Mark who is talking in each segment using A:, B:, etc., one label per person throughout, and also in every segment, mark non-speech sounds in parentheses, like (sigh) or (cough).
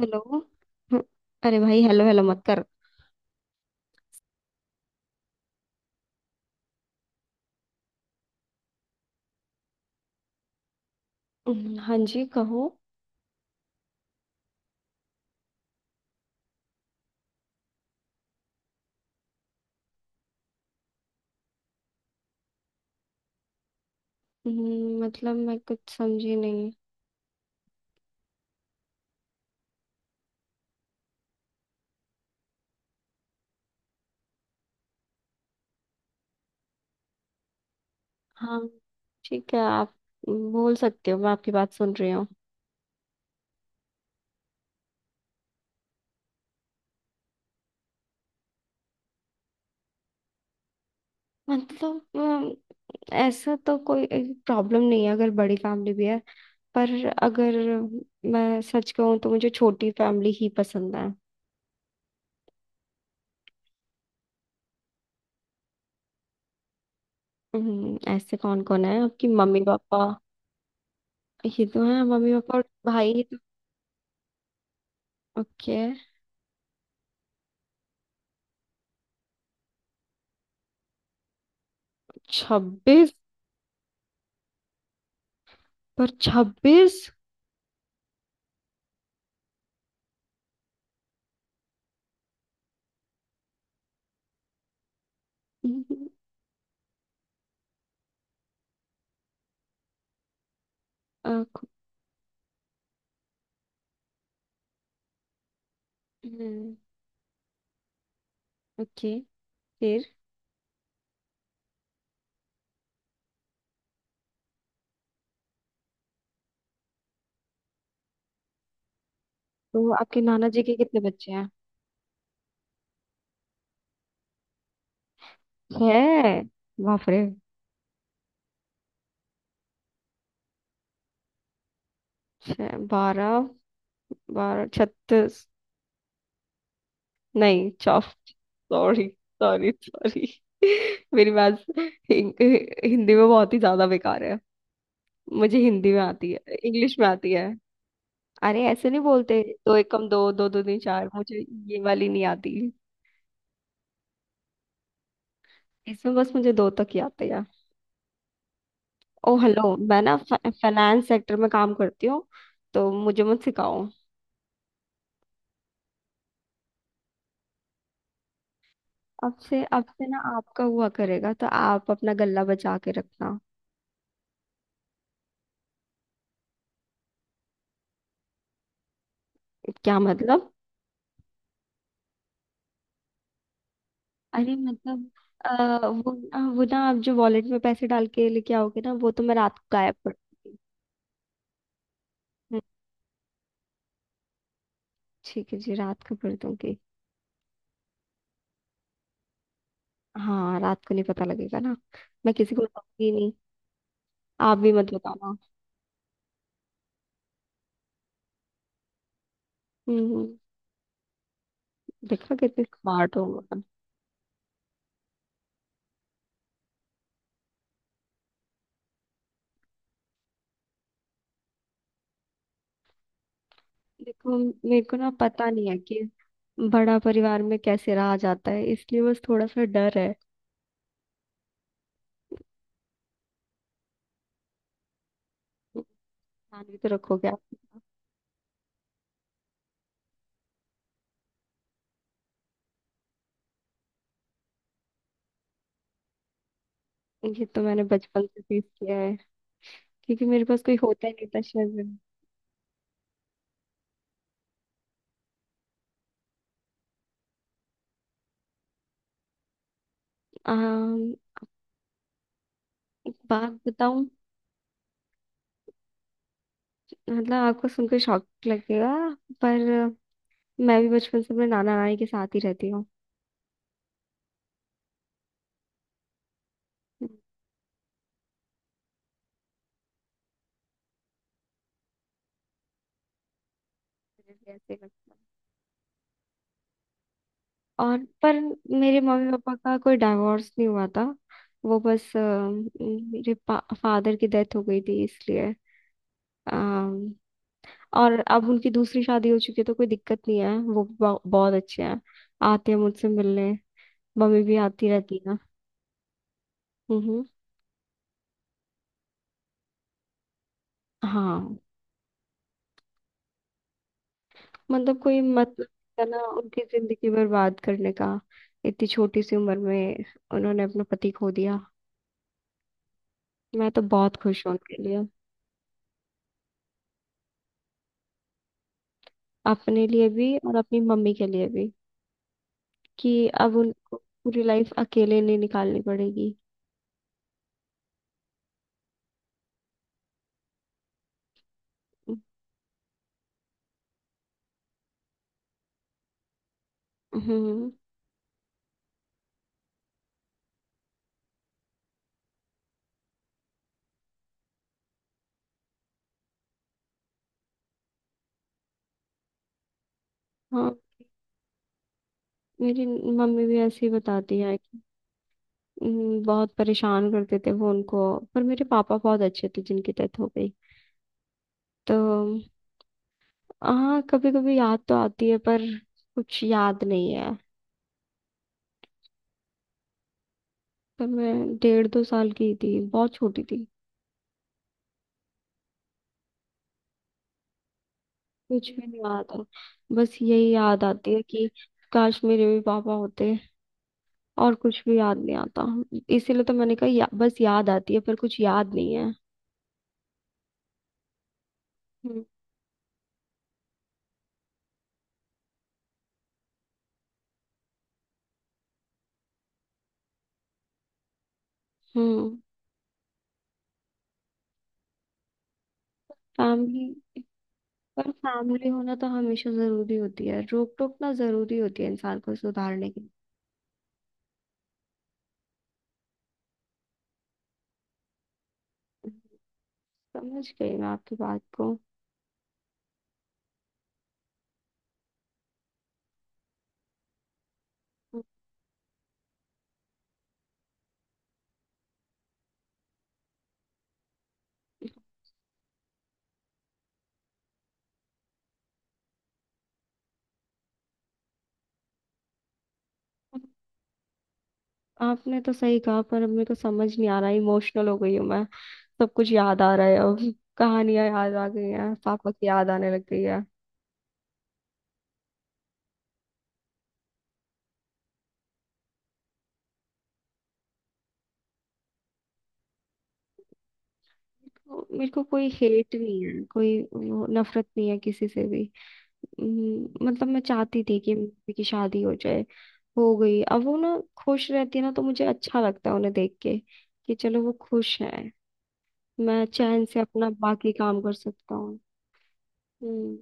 A: Hello. हम्म, अरे भाई हेलो हेलो मत कर। हाँ जी कहो। मतलब मैं कुछ समझी नहीं। हाँ, ठीक है, आप बोल सकते हो, मैं आपकी बात सुन रही हूँ। मतलब ऐसा तो कोई प्रॉब्लम नहीं है अगर बड़ी फैमिली भी है। पर अगर मैं सच कहूँ तो मुझे छोटी फैमिली ही पसंद है। ऐसे कौन कौन है आपकी? Mummy papa? ये तो है मम्मी पापा और भाई ये तो। ओके। छब्बीस? पर छब्बीस? अ, खु- हम्म। ओके। फिर? तो आपके नाना जी के कितने बच्चे हैं? छह? बाप रे। छः बारह, बारह छत्तीस। नहीं, चौ सॉरी। Sorry sorry. (laughs) मेरी बात हिं- हिंदी में बहुत ही ज्यादा बेकार है। मुझे हिंदी में आती है, इंग्लिश में आती है। अरे ऐसे नहीं बोलते। दो एकम दो, दो दो तीन चार, मुझे ये वाली नहीं आती। इसमें बस मुझे दो तक ही आते। ओ हेलो, मैं ना फाइनेंस सेक्टर में काम करती हूँ तो मुझे मत सिखाओ। अब से ना आपका हुआ करेगा तो आप अपना गला बचा के रखना। क्या मतलब? अरे मतलब वो ना आप जो वॉलेट में पैसे डाल के लेके आओगे ना वो तो मैं रात को गायब कर दूंगी। हम्म, ठीक है जी, रात को कर दूंगी। हाँ रात को नहीं पता लगेगा ना, मैं किसी को बताऊंगी नहीं। आप भी मत बताना। हम्म। देखा कितने स्मार्ट हो। देखो मेरे को ना पता नहीं है कि बड़ा परिवार में कैसे रहा जाता है, इसलिए बस थोड़ा सा डर है। ध्यान भी तो रखोगे आप। ये तो मैंने बचपन से सीख किया है, क्योंकि मेरे पास कोई होता ही नहीं था शहर में। अम, एक बात बताऊं, मतलब आपको सुनकर शॉक लगेगा, पर मैं भी बचपन से अपने नाना नानी के साथ ही रहती हूँ। मुझे भी ऐसे ही लगता है। और पर मेरे मम्मी पापा का कोई डाइवोर्स नहीं हुआ था। वो बस मेरे फादर की डेथ हो गई थी, इसलिए अम, और अब उनकी दूसरी शादी हो चुकी है, तो कोई दिक्कत नहीं है। बहुत अच्छे हैं, आते हैं मुझसे मिलने, मम्मी भी आती रहती है। हम्म। हाँ। मतलब कोई मतलब है ना उनकी जिंदगी बर्बाद करने का। इतनी छोटी सी उम्र में उन्होंने अपना पति खो दिया। मैं तो बहुत खुश हूँ उनके लिए। अपने लिए भी और अपनी मम्मी के लिए भी, कि अब उनको पूरी लाइफ अकेले नहीं निकालनी पड़ेगी। हम्म। हाँ मेरी मम्मी भी ऐसे ही बताती है। बहुत परेशान करते थे वो उनको, पर मेरे पापा बहुत अच्छे थे जिनकी डेथ हो गई। तो हाँ, कभी कभी याद तो आती है, पर कुछ याद नहीं है। पर मैं डेढ़ दो साल की थी, बहुत छोटी थी। कुछ भी नहीं याद है। बस यही याद आती है कि काश मेरे भी पापा होते। और कुछ भी याद नहीं आता। इसीलिए तो मैंने कहा या, बस याद आती है पर कुछ याद नहीं है। हम्म। हम्म, फैमिली। पर फैमिली होना तो हमेशा जरूरी होती है, रोक टोक ना जरूरी होती है इंसान को सुधारने के लिए। समझ गई मैं आपकी बात को। आपने तो सही कहा, पर अब मेरे को समझ नहीं आ रहा, इमोशनल हो गई हूँ मैं। सब कुछ याद आ रहा है अब, कहानियां याद आ गई हैं, पापा की याद आने लग गई है। मेरे को कोई हेट नहीं है, कोई वो नफरत नहीं है किसी से भी। मतलब मैं चाहती थी कि मम्मी की शादी हो जाए। हो गई, अब वो ना खुश रहती है ना तो मुझे अच्छा लगता है उन्हें देख के, कि चलो वो खुश है, मैं चैन से अपना बाकी काम कर सकता हूँ। हम्म।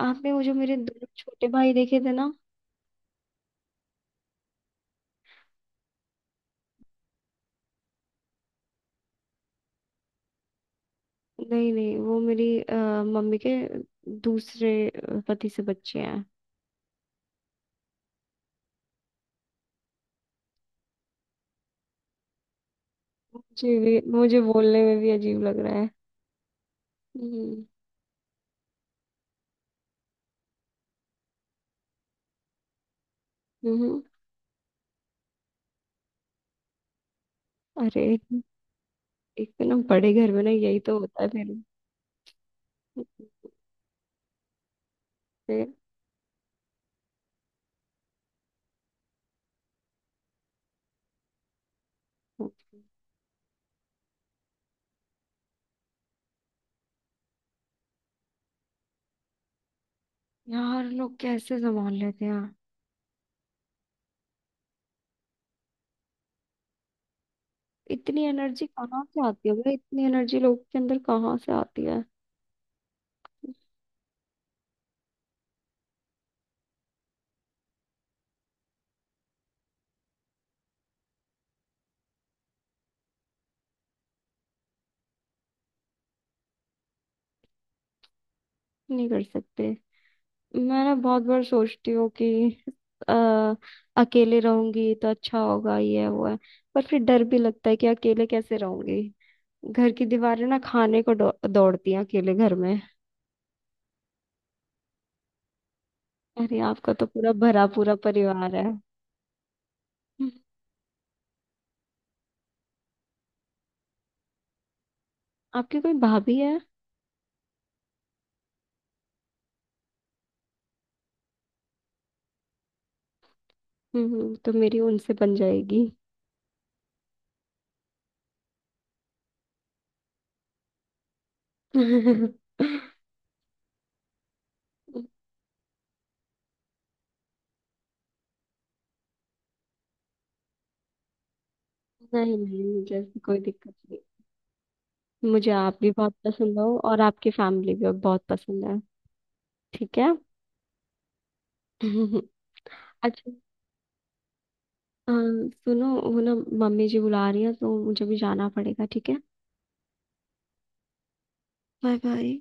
A: आपने वो जो मेरे दो छोटे भाई देखे थे ना, नहीं नहीं वो मेरी मम्मी के दूसरे पति से बच्चे हैं। मुझे बोलने में भी अजीब लग रहा है। हम्म। हम्म। अरे, एक तो ना बड़े घर में ना यही तो होता है फिर। फिर यार लोग कैसे संभाल लेते हैं? इतनी एनर्जी कहाँ से आती है भाई, इतनी एनर्जी लोग के अंदर कहाँ से आती है? नहीं कर सकते। मैं ना बहुत बार सोचती हूँ कि अ, अकेले रहूंगी तो अच्छा होगा ये है वो है, पर फिर डर भी लगता है कि अकेले कैसे रहूंगी। घर की दीवारें ना खाने को दौड़ती हैं अकेले घर में। अरे आपका तो पूरा भरा पूरा परिवार है। हम्म, आपकी कोई भाभी है? हम्म, तो मेरी उनसे बन जाएगी। (laughs) नहीं नहीं, मुझे ऐसी कोई दिक्कत नहीं, मुझे आप भी बहुत पसंद हो और आपकी फैमिली भी बहुत पसंद है। ठीक है। (laughs) अच्छा। सुनो वो ना, मम्मी जी बुला रही है तो मुझे भी जाना पड़ेगा, ठीक है? Bye bye.